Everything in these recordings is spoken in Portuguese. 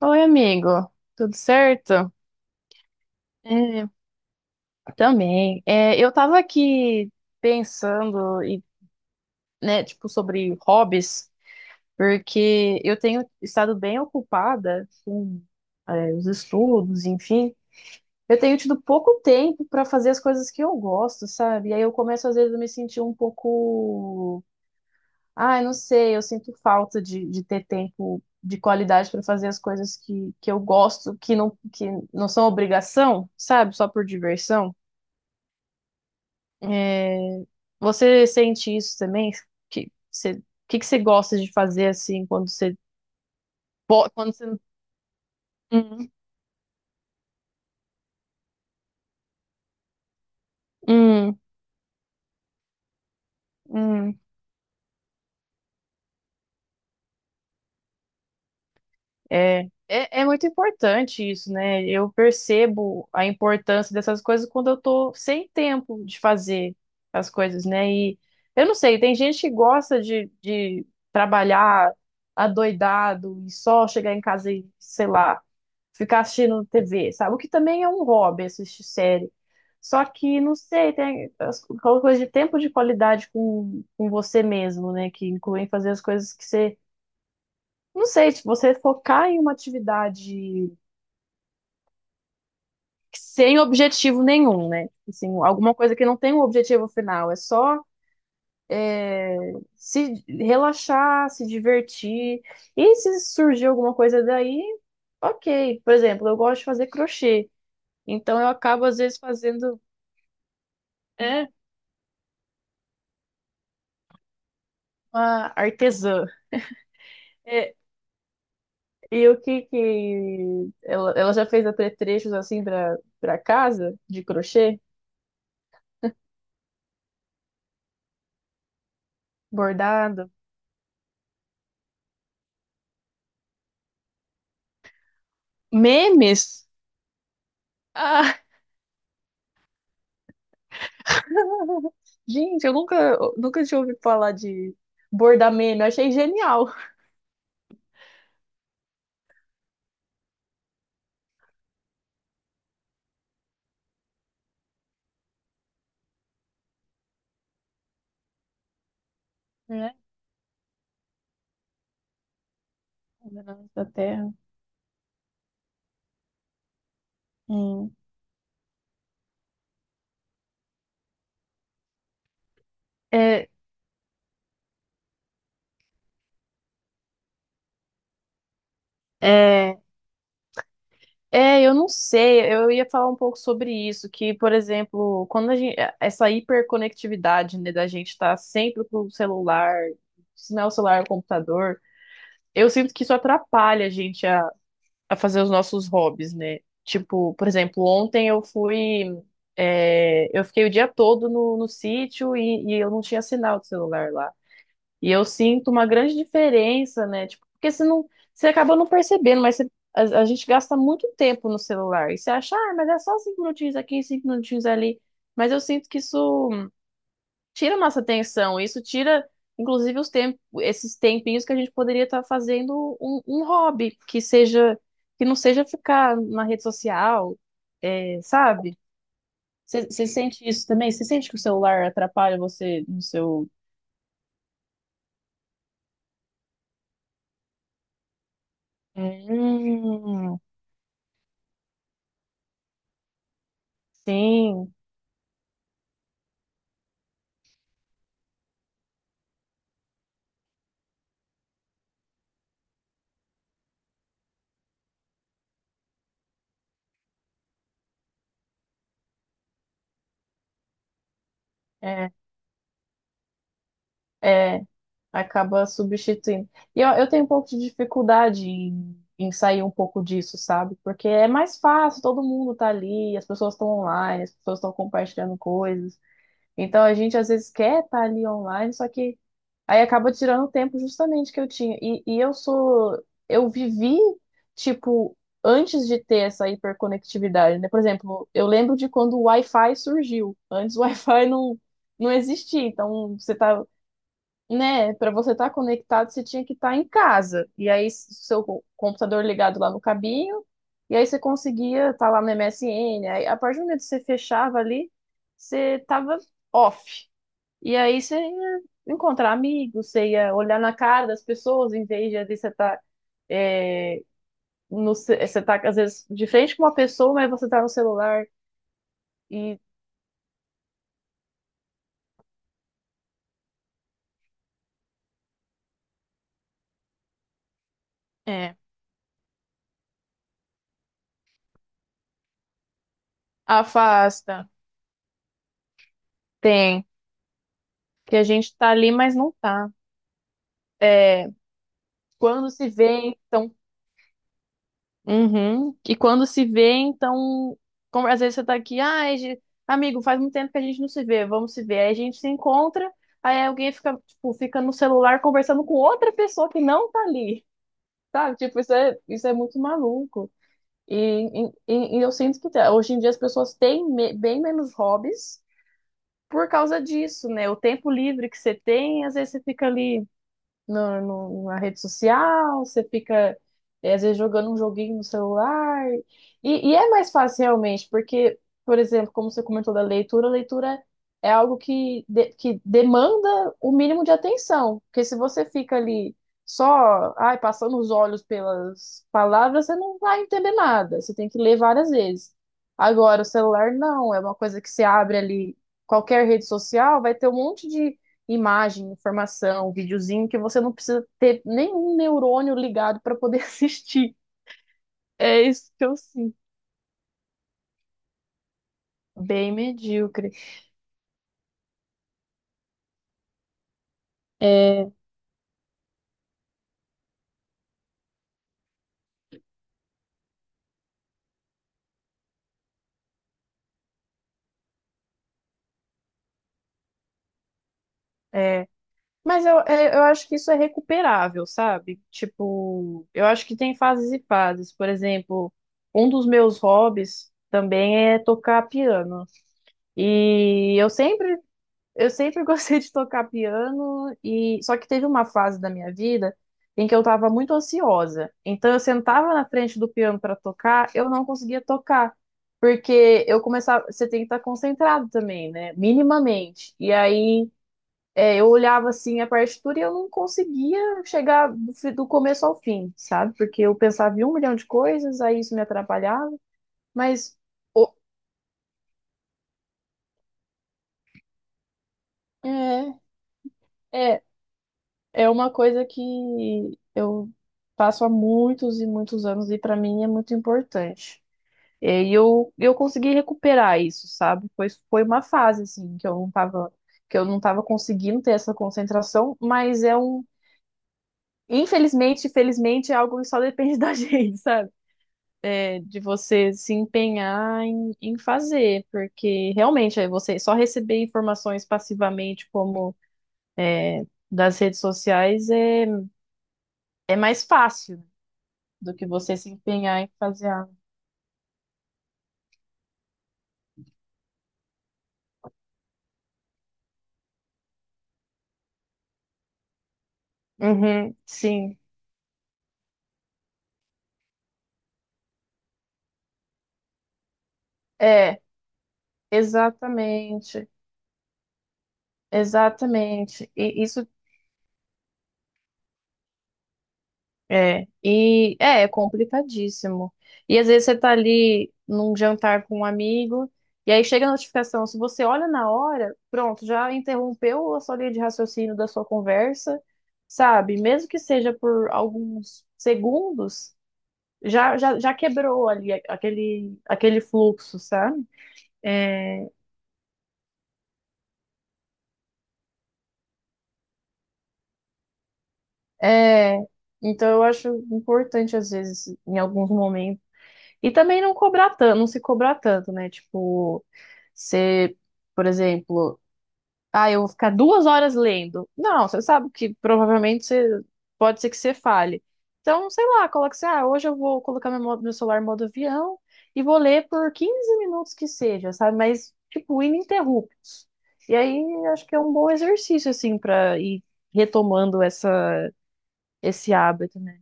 Oi, amigo. Tudo certo? É, também. Eu tava aqui pensando né, tipo, sobre hobbies, porque eu tenho estado bem ocupada com os estudos, enfim. Eu tenho tido pouco tempo para fazer as coisas que eu gosto, sabe? E aí eu começo, às vezes, a me sentir um pouco. Ah, eu não sei, eu sinto falta de ter tempo de qualidade para fazer as coisas que eu gosto, que não são obrigação, sabe? Só por diversão. É. Você sente isso também? Que você, o que você gosta de fazer assim quando você... quando você... Hum, hum, hum. É, é muito importante isso, né? Eu percebo a importância dessas coisas quando eu tô sem tempo de fazer as coisas, né? E eu não sei, tem gente que gosta de trabalhar adoidado e só chegar em casa e, sei lá, ficar assistindo TV, sabe? O que também é um hobby, assistir série. Só que, não sei, tem as aquela coisa de tempo de qualidade com você mesmo, né? Que incluem fazer as coisas que você... não sei, se você focar em uma atividade sem objetivo nenhum, né? Assim, alguma coisa que não tem um objetivo final, é só se relaxar, se divertir. E se surgir alguma coisa daí, ok. Por exemplo, eu gosto de fazer crochê, então eu acabo às vezes fazendo, é, uma artesã. É, e o que que ela já fez apetrechos assim para casa de crochê, bordado, memes. Ah, gente, eu nunca tinha ouvido falar de bordar meme. Eu achei genial. Né? Governantes da Terra. Hum. É, é, é, eu não sei, eu ia falar um pouco sobre isso, que, por exemplo, quando a gente, essa hiperconectividade, né, da gente estar sempre com o celular, se não é o celular, é o computador, eu sinto que isso atrapalha a gente a fazer os nossos hobbies, né? Tipo, por exemplo, ontem eu fui. É, eu fiquei o dia todo no sítio e eu não tinha sinal de celular lá. E eu sinto uma grande diferença, né? Tipo, porque você não, você acaba não percebendo, mas você- a gente gasta muito tempo no celular. E você acha, ah, mas é só cinco minutinhos aqui, cinco minutinhos ali. Mas eu sinto que isso tira nossa atenção, isso tira, inclusive, os tem- esses tempinhos que a gente poderia estar fazendo um hobby que seja, que não seja ficar na rede social, é, sabe? Você sente isso também? Você sente que o celular atrapalha você no seu. Hum, sim. É, é. Acaba substituindo. E eu tenho um pouco de dificuldade em sair um pouco disso, sabe? Porque é mais fácil, todo mundo tá ali, as pessoas estão online, as pessoas estão compartilhando coisas. Então a gente às vezes quer estar ali online, só que aí acaba tirando o tempo justamente que eu tinha. E eu sou, eu vivi, tipo, antes de ter essa hiperconectividade, né? Por exemplo, eu lembro de quando o Wi-Fi surgiu. Antes o Wi-Fi não, não existia, então você tá... né, para você estar conectado, você tinha que estar em casa. E aí, s- seu co- computador ligado lá no cabinho, e aí você conseguia estar lá no MSN. Aí, a partir do momento que você fechava ali, você tava off. E aí você ia encontrar amigos, você ia olhar na cara das pessoas, em vez de às vezes, você tá, é, no, ce- você tá, às vezes, de frente com uma pessoa, mas você tá no celular e é, afasta. Tem. Que a gente tá ali, mas não tá. É, quando se vê, então... Uhum. E quando se vê, então, como às vezes você tá aqui, ai, ge- amigo, faz muito tempo que a gente não se vê, vamos se ver. Aí a gente se encontra, aí alguém fica, tipo, fica no celular conversando com outra pessoa que não tá ali, sabe? Tipo, isso é muito maluco. E, e eu sinto que tá- hoje em dia as pessoas têm me- bem menos hobbies por causa disso, né? O tempo livre que você tem, às vezes você fica ali na rede social, você fica, eh, às vezes, jogando um joguinho no celular. E é mais fácil, realmente, porque, por exemplo, como você comentou da leitura, a leitura é algo que, de- que demanda o mínimo de atenção. Porque se você fica ali só, ai, passando os olhos pelas palavras, você não vai entender nada. Você tem que ler várias vezes. Agora, o celular não, é uma coisa que você abre ali. Qualquer rede social vai ter um monte de imagem, informação, videozinho que você não precisa ter nenhum neurônio ligado para poder assistir. É isso que eu sinto. Bem medíocre. É, é. Mas eu acho que isso é recuperável, sabe? Tipo, eu acho que tem fases e fases. Por exemplo, um dos meus hobbies também é tocar piano. E eu sempre... Eu sempre gostei de tocar piano e só que teve uma fase da minha vida em que eu estava muito ansiosa. Então eu sentava na frente do piano para tocar, eu não conseguia tocar, porque eu começava, você tem que estar concentrado também, né? Minimamente. E aí é, eu olhava assim a partitura e eu não conseguia chegar do, fi- do começo ao fim, sabe? Porque eu pensava em um milhão de coisas, aí isso me atrapalhava. Mas o- é, é, é uma coisa que eu faço há muitos e muitos anos e para mim é muito importante. E eu consegui recuperar isso, sabe? Foi uma fase assim que eu não tava, que eu não tava conseguindo ter essa concentração, mas é um, infelizmente, felizmente é algo que só depende da gente, sabe? É, de você se empenhar em fazer, porque realmente aí você só receber informações passivamente como das redes sociais é é mais fácil. Do que você se empenhar em fazer algo. Uhum, sim. É, exatamente, exatamente. E isso é, é complicadíssimo. E às vezes você tá ali num jantar com um amigo, e aí chega a notificação. Se você olha na hora, pronto, já interrompeu a sua linha de raciocínio da sua conversa, sabe? Mesmo que seja por alguns segundos, já quebrou ali aquele fluxo, sabe? É, é, então eu acho importante, às vezes, em alguns momentos. E também não cobrar tanto, não se cobrar tanto, né? Tipo, você, por exemplo, ah, eu vou ficar 2 horas lendo. Não, você sabe que provavelmente você pode ser que você fale. Então, sei lá, coloca assim, ah, hoje eu vou colocar meu, mo- meu celular em modo avião e vou ler por 15 minutos que seja, sabe? Mas, tipo, ininterruptos. E aí, acho que é um bom exercício, assim, pra ir retomando essa, esse hábito. Né?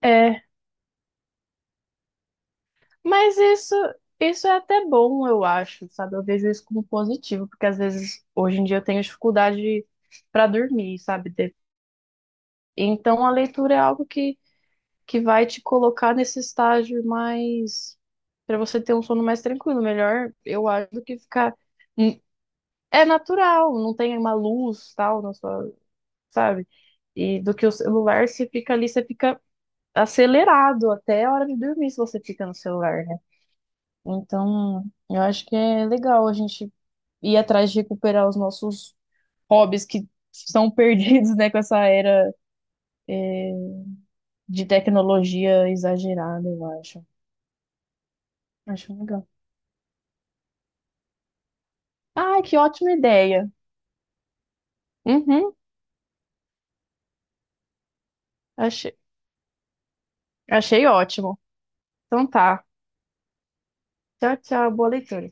É, mas isso, isso é até bom, eu acho, sabe? Eu vejo isso como positivo, porque às vezes hoje em dia eu tenho dificuldade para dormir, sabe? De- Então a leitura é algo que vai te colocar nesse estágio mais para você ter um sono mais tranquilo, melhor, eu acho, do que ficar... Hum, é natural, não tem uma luz tal na sua, sabe? E do que o celular, você fica ali, você fica acelerado até a hora de dormir se você fica no celular, né? Então, eu acho que é legal a gente ir atrás de recuperar os nossos hobbies que são perdidos, né, com essa era de tecnologia exagerada, eu acho. Acho legal. Ah, que ótima ideia. Uhum, achei, achei ótimo. Então tá. Tchau, tchau, boa leitura.